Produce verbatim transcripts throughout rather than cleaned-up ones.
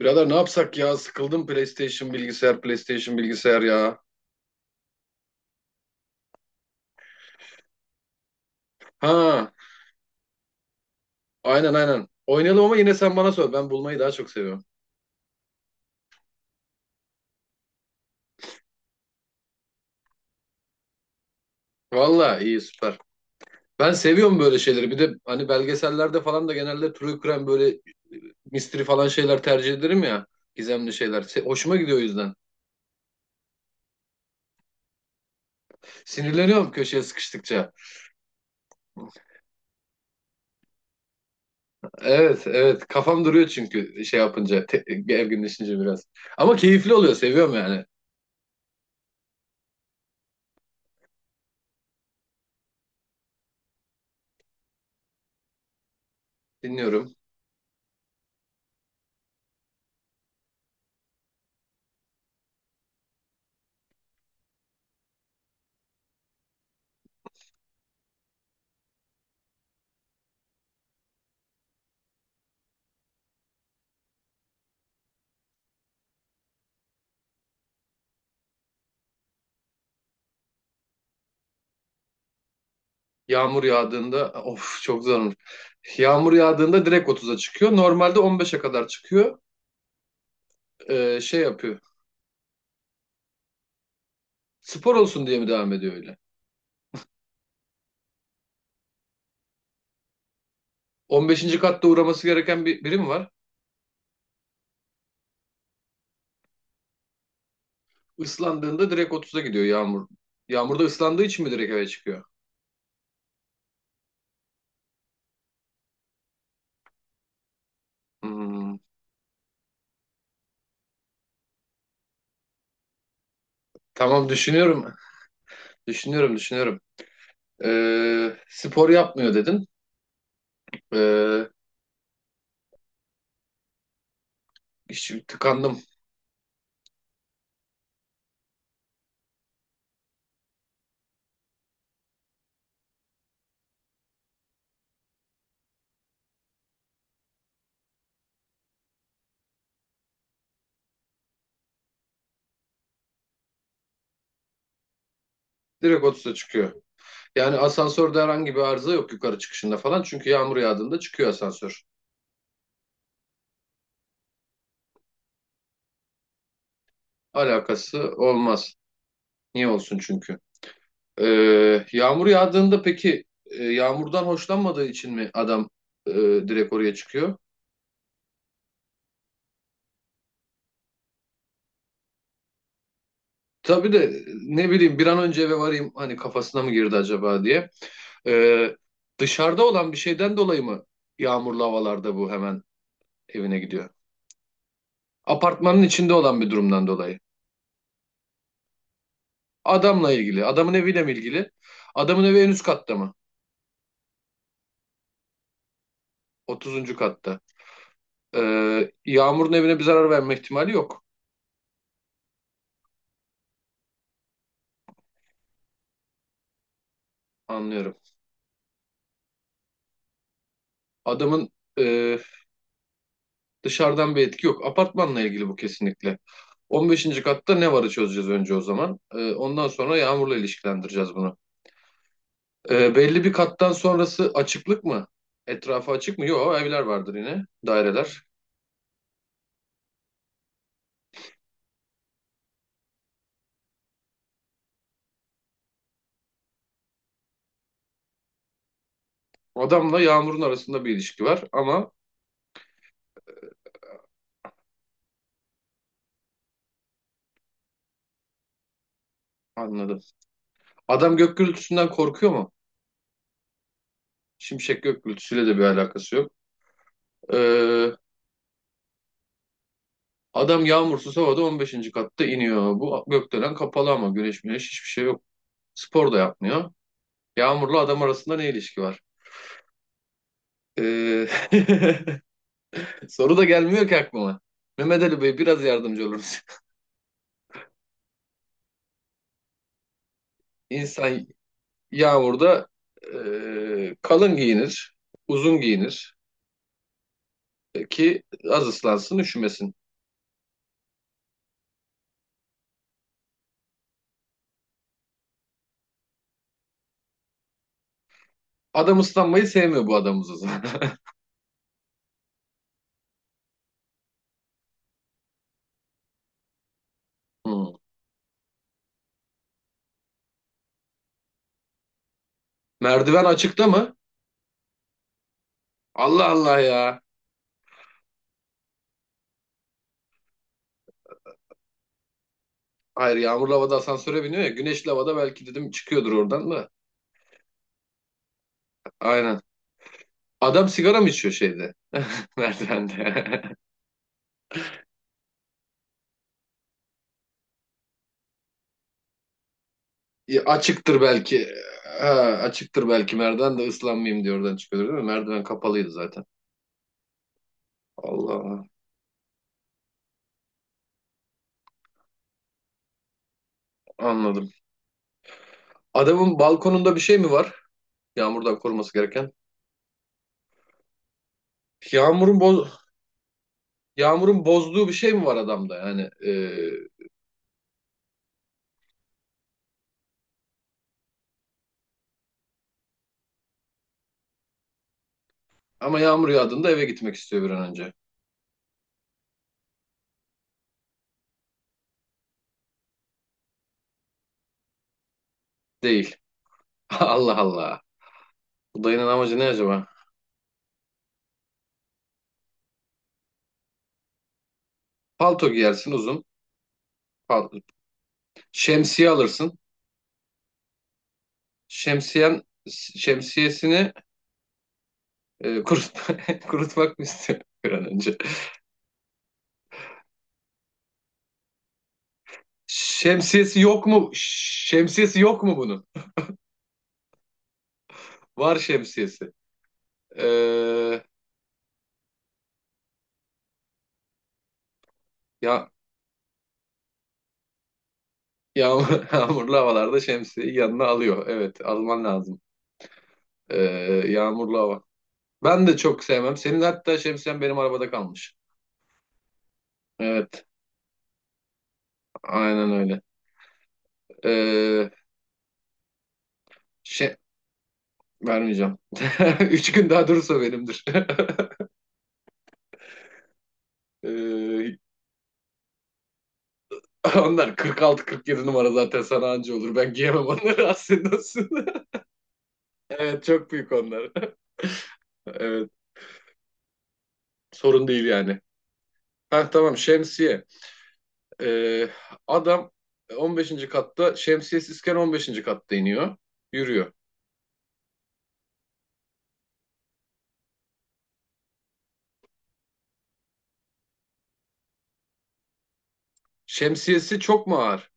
Birader ne yapsak ya? Sıkıldım PlayStation bilgisayar, PlayStation bilgisayar ya. Ha, aynen aynen. Oynayalım ama yine sen bana sor. Ben bulmayı daha çok seviyorum. Valla iyi süper. Ben seviyorum böyle şeyleri. Bir de hani belgesellerde falan da genelde true crime böyle mystery falan şeyler tercih ederim ya. Gizemli şeyler. Se- Hoşuma gidiyor o yüzden. Sinirleniyorum köşeye sıkıştıkça. Evet evet. Kafam duruyor çünkü şey yapınca. Te- gerginleşince biraz. Ama keyifli oluyor. Seviyorum yani. Dinliyorum. Yağmur yağdığında of çok zor olur. Yağmur yağdığında direkt otuza çıkıyor. Normalde on beşe kadar çıkıyor. Ee, şey yapıyor. Spor olsun diye mi devam ediyor öyle? on beşinci katta uğraması gereken bir birim var. Islandığında direkt otuza gidiyor yağmur. Yağmurda ıslandığı için mi direkt eve çıkıyor? Hmm. Tamam düşünüyorum. Düşünüyorum düşünüyorum. Ee, spor yapmıyor dedin. Ee, Hiç tıkandım. Direkt otuza çıkıyor. Yani asansörde herhangi bir arıza yok yukarı çıkışında falan. Çünkü yağmur yağdığında çıkıyor asansör. Alakası olmaz. Niye olsun çünkü? Ee, yağmur yağdığında peki e, yağmurdan hoşlanmadığı için mi adam e, direkt oraya çıkıyor? Tabii de ne bileyim bir an önce eve varayım hani kafasına mı girdi acaba diye. Ee, Dışarıda olan bir şeyden dolayı mı yağmurlu havalarda bu hemen evine gidiyor? Apartmanın içinde olan bir durumdan dolayı. Adamla ilgili, adamın eviyle mi ilgili? Adamın evi en üst katta mı? Otuzuncu katta. Ee, yağmurun evine bir zarar verme ihtimali yok. Anlıyorum. Adamın e, dışarıdan bir etki yok. Apartmanla ilgili bu kesinlikle. On beşinci katta ne varı çözeceğiz önce o zaman. E, ondan sonra yağmurla ilişkilendireceğiz bunu. E, belli bir kattan sonrası açıklık mı? Etrafı açık mı? Yok, evler vardır yine, daireler. Adamla yağmurun arasında bir ilişki var ama anladım. Adam gök gürültüsünden korkuyor mu? Şimşek gök gürültüsüyle de bir alakası yok. E, Adam yağmursuz havada on beşinci katta iniyor. Bu gökdelen kapalı ama güneş müneş hiçbir şey yok. Spor da yapmıyor. Yağmurlu adam arasında ne ilişki var? Ee, Soru da gelmiyor ki aklıma. Mehmet Ali Bey biraz yardımcı oluruz. İnsan yağmurda e, kalın giyinir, uzun giyinir e, ki az ıslansın, üşümesin. Adam ıslanmayı sevmiyor bu adamız o zaman. Hmm. Merdiven açıkta mı? Allah Allah ya. Hayır yağmurlu havada asansöre biniyor ya. Güneşli havada belki dedim çıkıyordur oradan da. Aynen. Adam sigara mı içiyor şeyde? Merdivende. E, açıktır belki. Ha, açıktır belki merdiven de ıslanmayayım diye oradan çıkıyordur değil mi? Merdiven kapalıydı zaten. Allah Allah. Anladım. Adamın balkonunda bir şey mi var? Yağmurdan koruması gereken. Yağmurun boz Yağmurun bozduğu bir şey mi var adamda? Yani e, ama yağmur yağdığında eve gitmek istiyor bir an önce. Değil. Allah Allah. Bu dayının amacı ne acaba? Palto giyersin uzun. Pal- Şemsiye alırsın. Şemsiyen Şemsiyesini e, kurut- kurutmak mı istiyor bir an önce? Şemsiyesi yok mu? Şemsiyesi yok mu bunun? Var şemsiyesi. Ee, ya yağmur, yağmurlu havalarda şemsiyeyi yanına alıyor. Evet, alman lazım. Ee, Yağmurlu hava. Ben de çok sevmem. Senin hatta şemsiyen benim arabada kalmış. Evet, aynen öyle. Ee, şey Vermeyeceğim. Üç gün daha durursa benimdir. Ee, Onlar kırk altı kırk yedi numara zaten sana anca olur. Ben giyemem onları aslında. Evet, çok büyük onlar. Evet. Sorun değil yani. Ha tamam şemsiye. Ee, Adam on beşinci katta şemsiyesizken on beşinci katta iniyor. Yürüyor. Şemsiyesi çok mu ağır?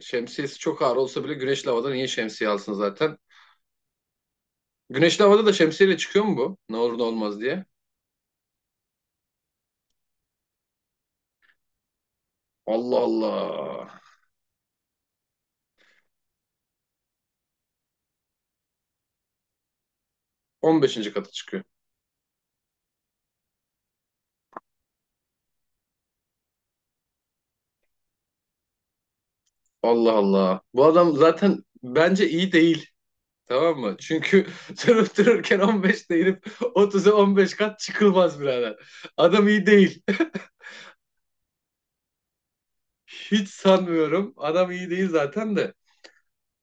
Şemsiyesi çok ağır olsa bile güneşli havada niye şemsiye alsın zaten? Güneşli havada da şemsiyeyle çıkıyor mu bu? Ne olur ne olmaz diye. Allah Allah. On beşinci kata çıkıyor. Allah Allah. Bu adam zaten bence iyi değil. Tamam mı? Çünkü sen otururken on beşte inip otuza on beş kat çıkılmaz birader. Adam iyi değil. Hiç sanmıyorum. Adam iyi değil zaten de.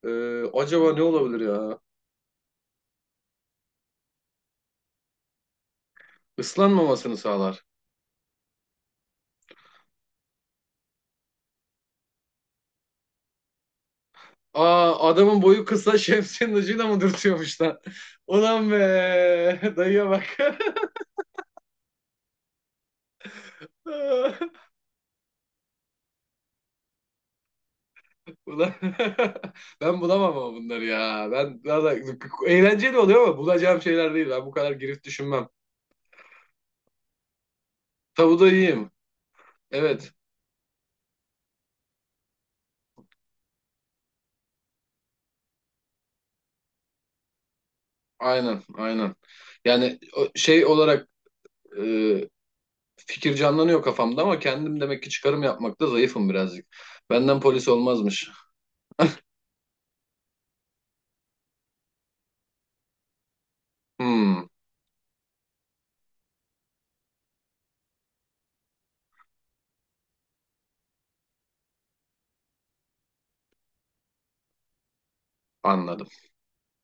Ee, acaba ne olabilir ya? Islanmamasını sağlar. Aa adamın boyu kısa şemsiyenin ucuyla mı dürtüyormuş lan? Ulan be dayıya bak. Ulan ben bulamam ama bunları ya. Ben daha da eğlenceli oluyor ama bulacağım şeyler değil. Ben bu kadar girip düşünmem. Tavuğu da yiyeyim. Evet. Aynen, aynen. Yani o- şey olarak e, Fikir canlanıyor kafamda ama kendim demek ki çıkarım yapmakta zayıfım birazcık. Benden polis olmazmış. Hmm, anladım.